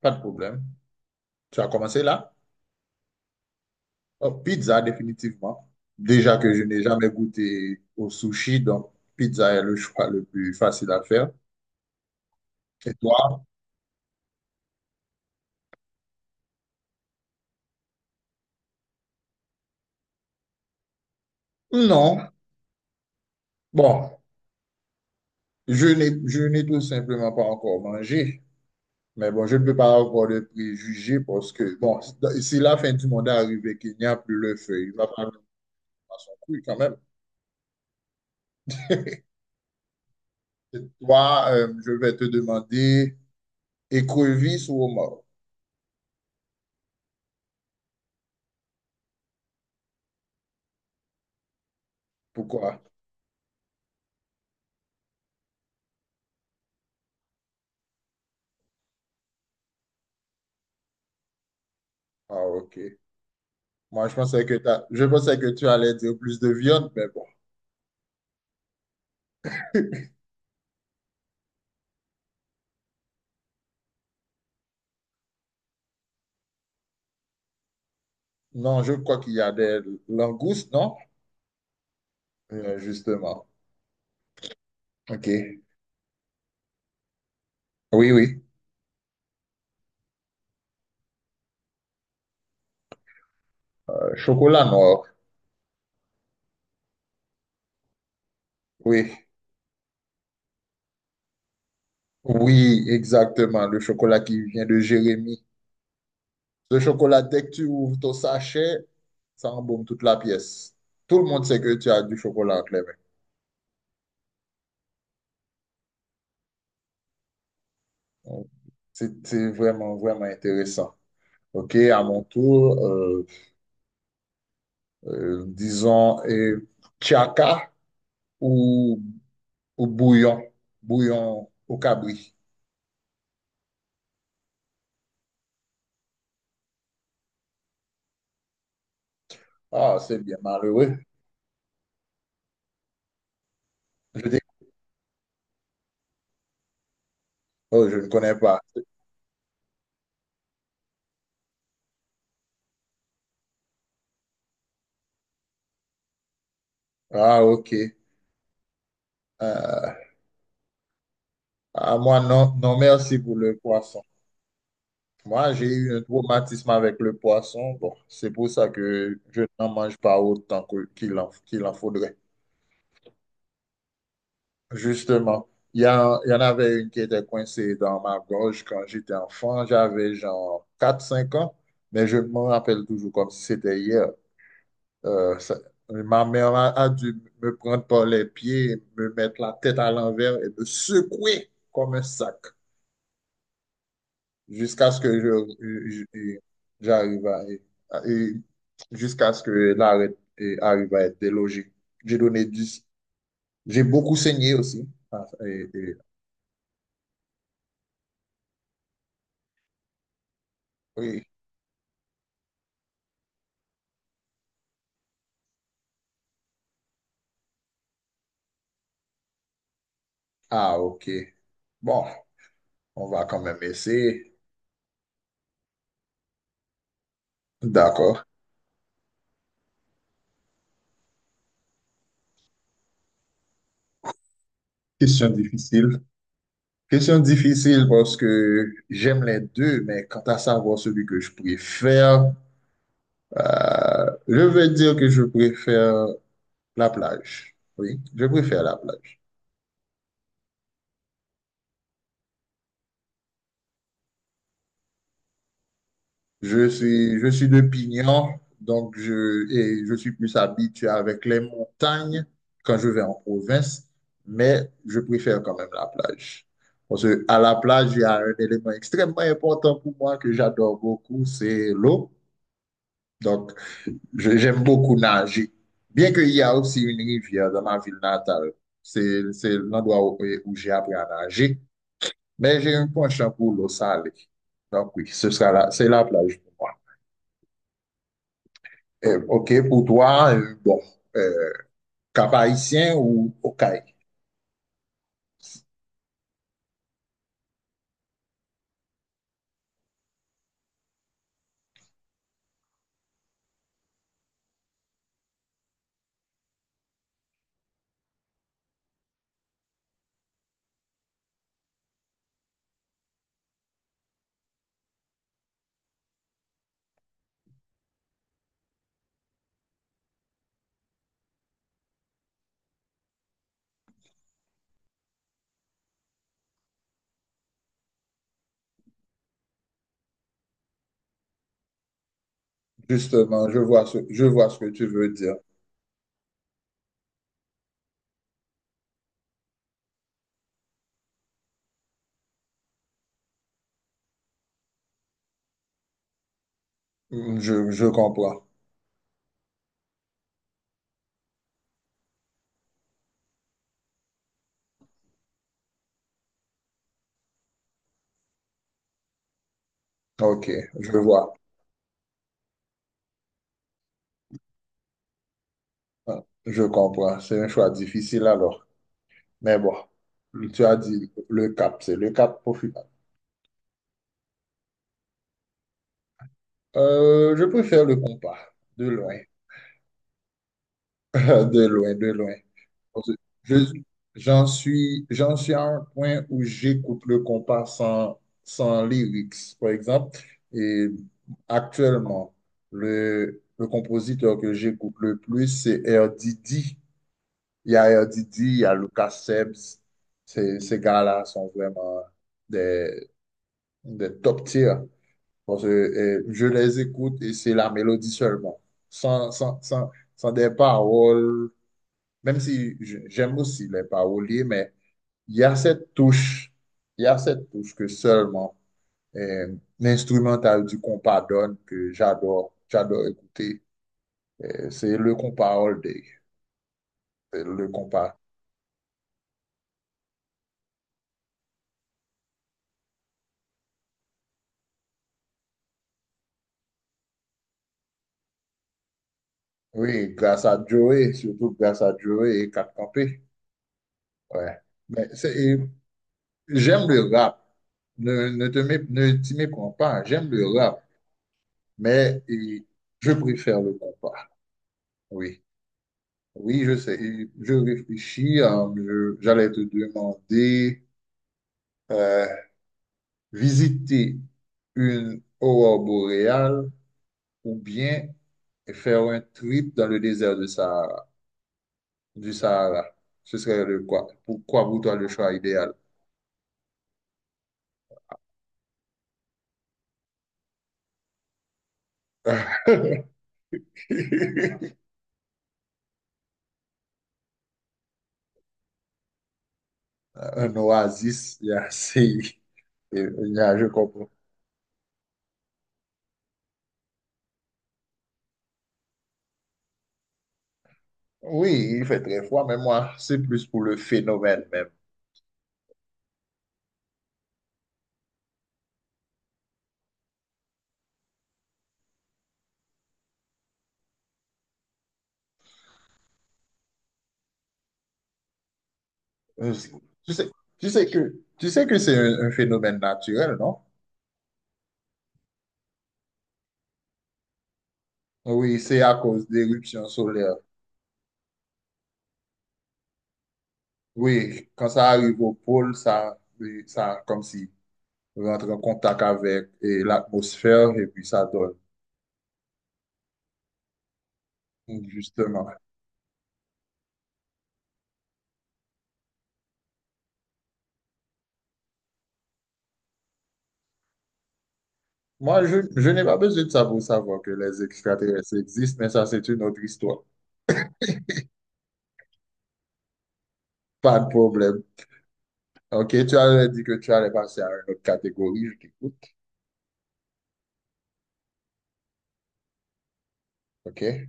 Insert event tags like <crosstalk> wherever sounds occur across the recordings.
Pas de problème. Tu as commencé là? Oh, pizza, définitivement. Déjà que je n'ai jamais goûté au sushi, donc pizza est le choix le plus facile à faire. Et toi? Non. Bon, je n'ai tout simplement pas encore mangé. Mais bon, je ne peux pas avoir de préjugés parce que, bon, si la fin du monde est arrivée, qu'il n'y a plus le feu, il va pas venir à son cru quand même. Et toi, je vais te demander écrevisse ou homard. Pourquoi? Ah, ok. Moi, je pensais que tu allais dire plus de viande, mais bon. <laughs> Non, je crois qu'il y a des langoustes, non? Justement. OK. Oui, oui. Chocolat noir. Oui. Oui, exactement. Le chocolat qui vient de Jérémy. Ce chocolat, dès que tu ouvres ton sachet, ça embaume toute la pièce. Tout le monde sait que tu as du chocolat entre les mains. Donc, c'est vraiment, vraiment intéressant. OK, à mon tour, disons, Chaka ou bouillon, bouillon au cabri. Ah, c'est bien malheureux. Je dis, oh, je ne connais pas. Ah, ok. Euh, moi, non, non, merci pour le poisson. Moi, j'ai eu un traumatisme avec le poisson. Bon, c'est pour ça que je n'en mange pas qu'il en faudrait. Justement, il y en avait une qui était coincée dans ma gorge quand j'étais enfant. J'avais genre quatre cinq ans, mais je me rappelle toujours comme si c'était hier. Euh, ça- ma mère a dû me prendre par les pieds, me mettre la tête à l'envers et me secouer comme un sac jusqu'à ce que j'arrive à- et jusqu'à ce que l'arrêt et arrive à être délogé. J'ai donné 10. J'ai beaucoup saigné aussi. Ah, et- et- oui. Ah, ok. Bon, on va quand même essayer. D'accord. Question difficile. Question difficile parce que j'aime les deux, mais quant à savoir celui que je préfère, je veux dire que je préfère la plage. Oui, je préfère la plage. Je suis de Pignon, donc je suis plus habitué avec les montagnes quand je vais en province, mais je préfère quand même la plage. Parce que à la plage, il y a un élément extrêmement important pour moi que j'adore beaucoup, c'est l'eau. Donc, j'aime beaucoup nager. Bien qu'il y a aussi une rivière dans ma ville natale, c'est l'endroit où, où j'ai appris à nager, mais j'ai un penchant pour l'eau salée. Donc oui, c'est la plage pour moi. OK, pour toi, bon, euh, Cap-Haïtien ou Okaï? Justement, je vois ce que tu veux dire. Hmm, je je, comprends. OK, je vois. Ah, je comprends. C'est un choix difficile alors. Mais bon, tu as dit le cap, c'est le cap profit. Je préfère le compas, de loin, <laughs> de loin, de loin. Parce que Je, j'en suis à un point où j'écoute le compas sans, sans lyrics, par exemple. Et actuellement, le compositeur que j'écoute le plus, c'est R. Didi. Il y a R. Didi, il y a Lucas Sebs. Ces gars-là sont vraiment des, des top tiers. Parce que je les écoute et c'est la mélodie seulement, sans des paroles, même si j'aime aussi les paroliers, mais il y a cette touche, il y a cette touche que seulement l'instrumental du compas donne que j'adore, j'adore écouter. C'est le compas all day, c'est le compas. Oui, grâce à Joey, surtout grâce à Joey et Cat Campé. Ouais. Mais c'est, j'aime le rap. Ne, ne te mé- ne t'y méprends pas. J'aime le rap, mais je préfère le compas. Oui, oui, je sais. Et je réfléchis. J'allais te demander euh, visiter une aurore boréale ou bien faire un trip dans le désert de Sahara, du Sahara. Ce serait le quoi? Pourquoi pour toi le choix idéal? <laughs> Un oasis, il y a assez. Je comprends. Oui, il fait très froid, mais moi, c'est plus pour le phénomène même. Euh, Tu sais, tu sais que c'est un phénomène naturel, non? Oui, c'est à cause d'éruptions solaires. Oui, quand ça arrive au pôle, ça, oui, ça comme si rentre en contact avec et l'atmosphère et puis ça donne, justement. Moi, je n'ai pas besoin de ça pour savoir que les extraterrestres existent, mais ça, c'est une autre histoire. Pas de problème. OK, tu avais dit que tu allais passer à une autre catégorie, je t'écoute. OK?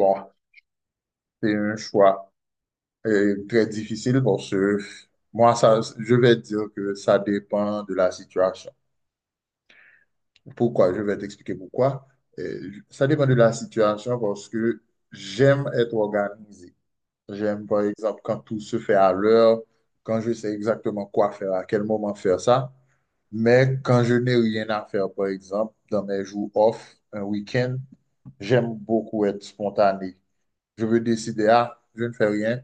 Bon, C'est un choix très difficile parce que moi, ça, je vais dire que ça dépend de la situation. Pourquoi? Je vais t'expliquer pourquoi. Ça dépend de la situation parce que j'aime être organisé. J'aime, par exemple, quand tout se fait à l'heure, quand je sais exactement quoi faire, à quel moment faire ça. Mais quand je n'ai rien à faire, par exemple, dans mes jours off, un week-end, j'aime beaucoup être spontané. Je veux décider, ah, je ne fais rien.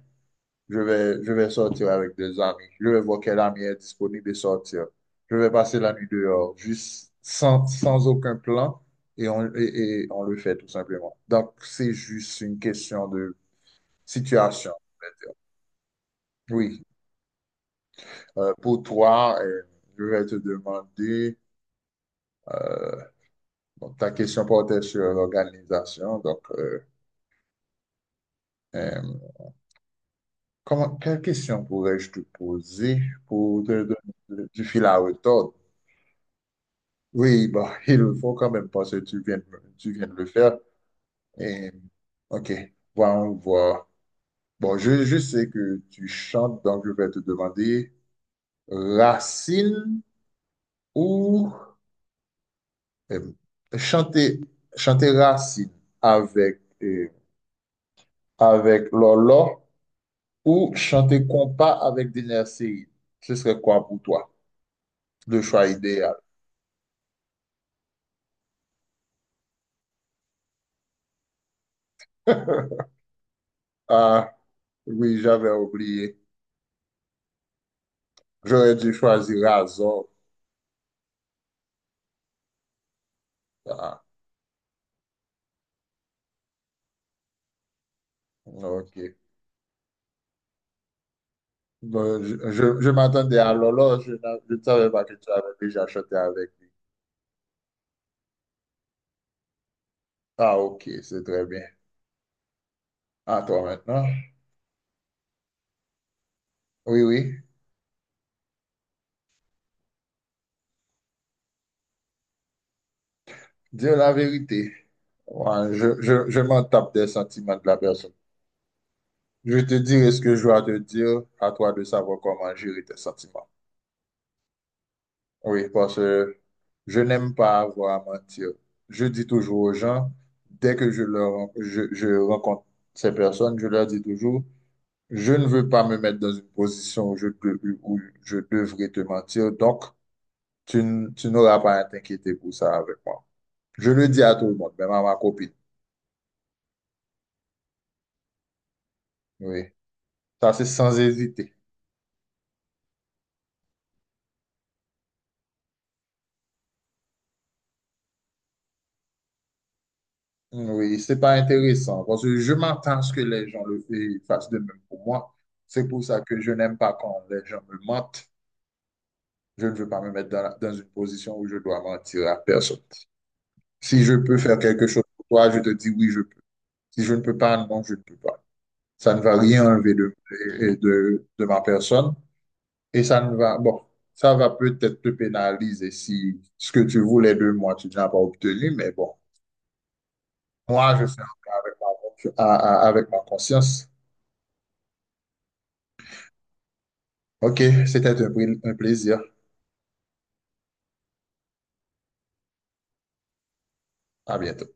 Je vais sortir avec des amis. Je vais voir quel ami est disponible et sortir. Je vais passer la nuit dehors, juste sans, sans aucun plan, et on le fait tout simplement. Donc, c'est juste une question de situation. Oui, pour toi, je vais te demander, euh, bon, ta question portait sur l'organisation. Donc, euh, quelle question pourrais-je te poser pour te donner du fil à retordre? Oui, bah, <laughs> il le faut quand même parce que tu viens de le faire. Et, ok, bon, on voit. Bon, je sais que tu chantes, donc je vais te demander Racine ou euh, chanter, chanter Racine avec, avec Lolo ou chanter compas avec Dina Série. Ce serait quoi pour toi? Le choix idéal. <laughs> Ah, oui, j'avais oublié. J'aurais dû choisir Razor. Ah, ok. Bon, je m'attendais à Lolo, je ne savais pas que tu avais déjà chanté avec lui. Ah, ok, c'est très bien. À toi maintenant. Oui, oui, dire la vérité. Ouais, je m'en tape des sentiments de la personne. Je te dirai ce que je dois te dire, à toi de savoir comment gérer tes sentiments. Oui, parce que je n'aime pas avoir à mentir. Je dis toujours aux gens, dès que je rencontre ces personnes, je leur dis toujours, Je ne veux pas me mettre dans une position où où je devrais te mentir, donc tu n'auras pas à t'inquiéter pour ça avec moi. Je le dis à tout le monde, même à ma copine. Oui, ça c'est sans hésiter. Oui, c'est pas intéressant parce que je m'attends à ce que les gens fassent de même pour moi. C'est pour ça que je n'aime pas quand les gens me mentent. Je ne veux pas me mettre dans une position où je dois mentir à personne. Si je peux faire quelque chose pour toi, je te dis oui, je peux. Si je ne peux pas, non, je ne peux pas. Ça ne va rien enlever de, et- de, de ma personne. Et ça ne va, bon, ça va peut-être te pénaliser si ce que tu voulais de moi, tu ne l'as pas obtenu, mais bon, moi, je fais avec ma, confi- à- avec ma conscience. OK, un plaisir. À bientôt.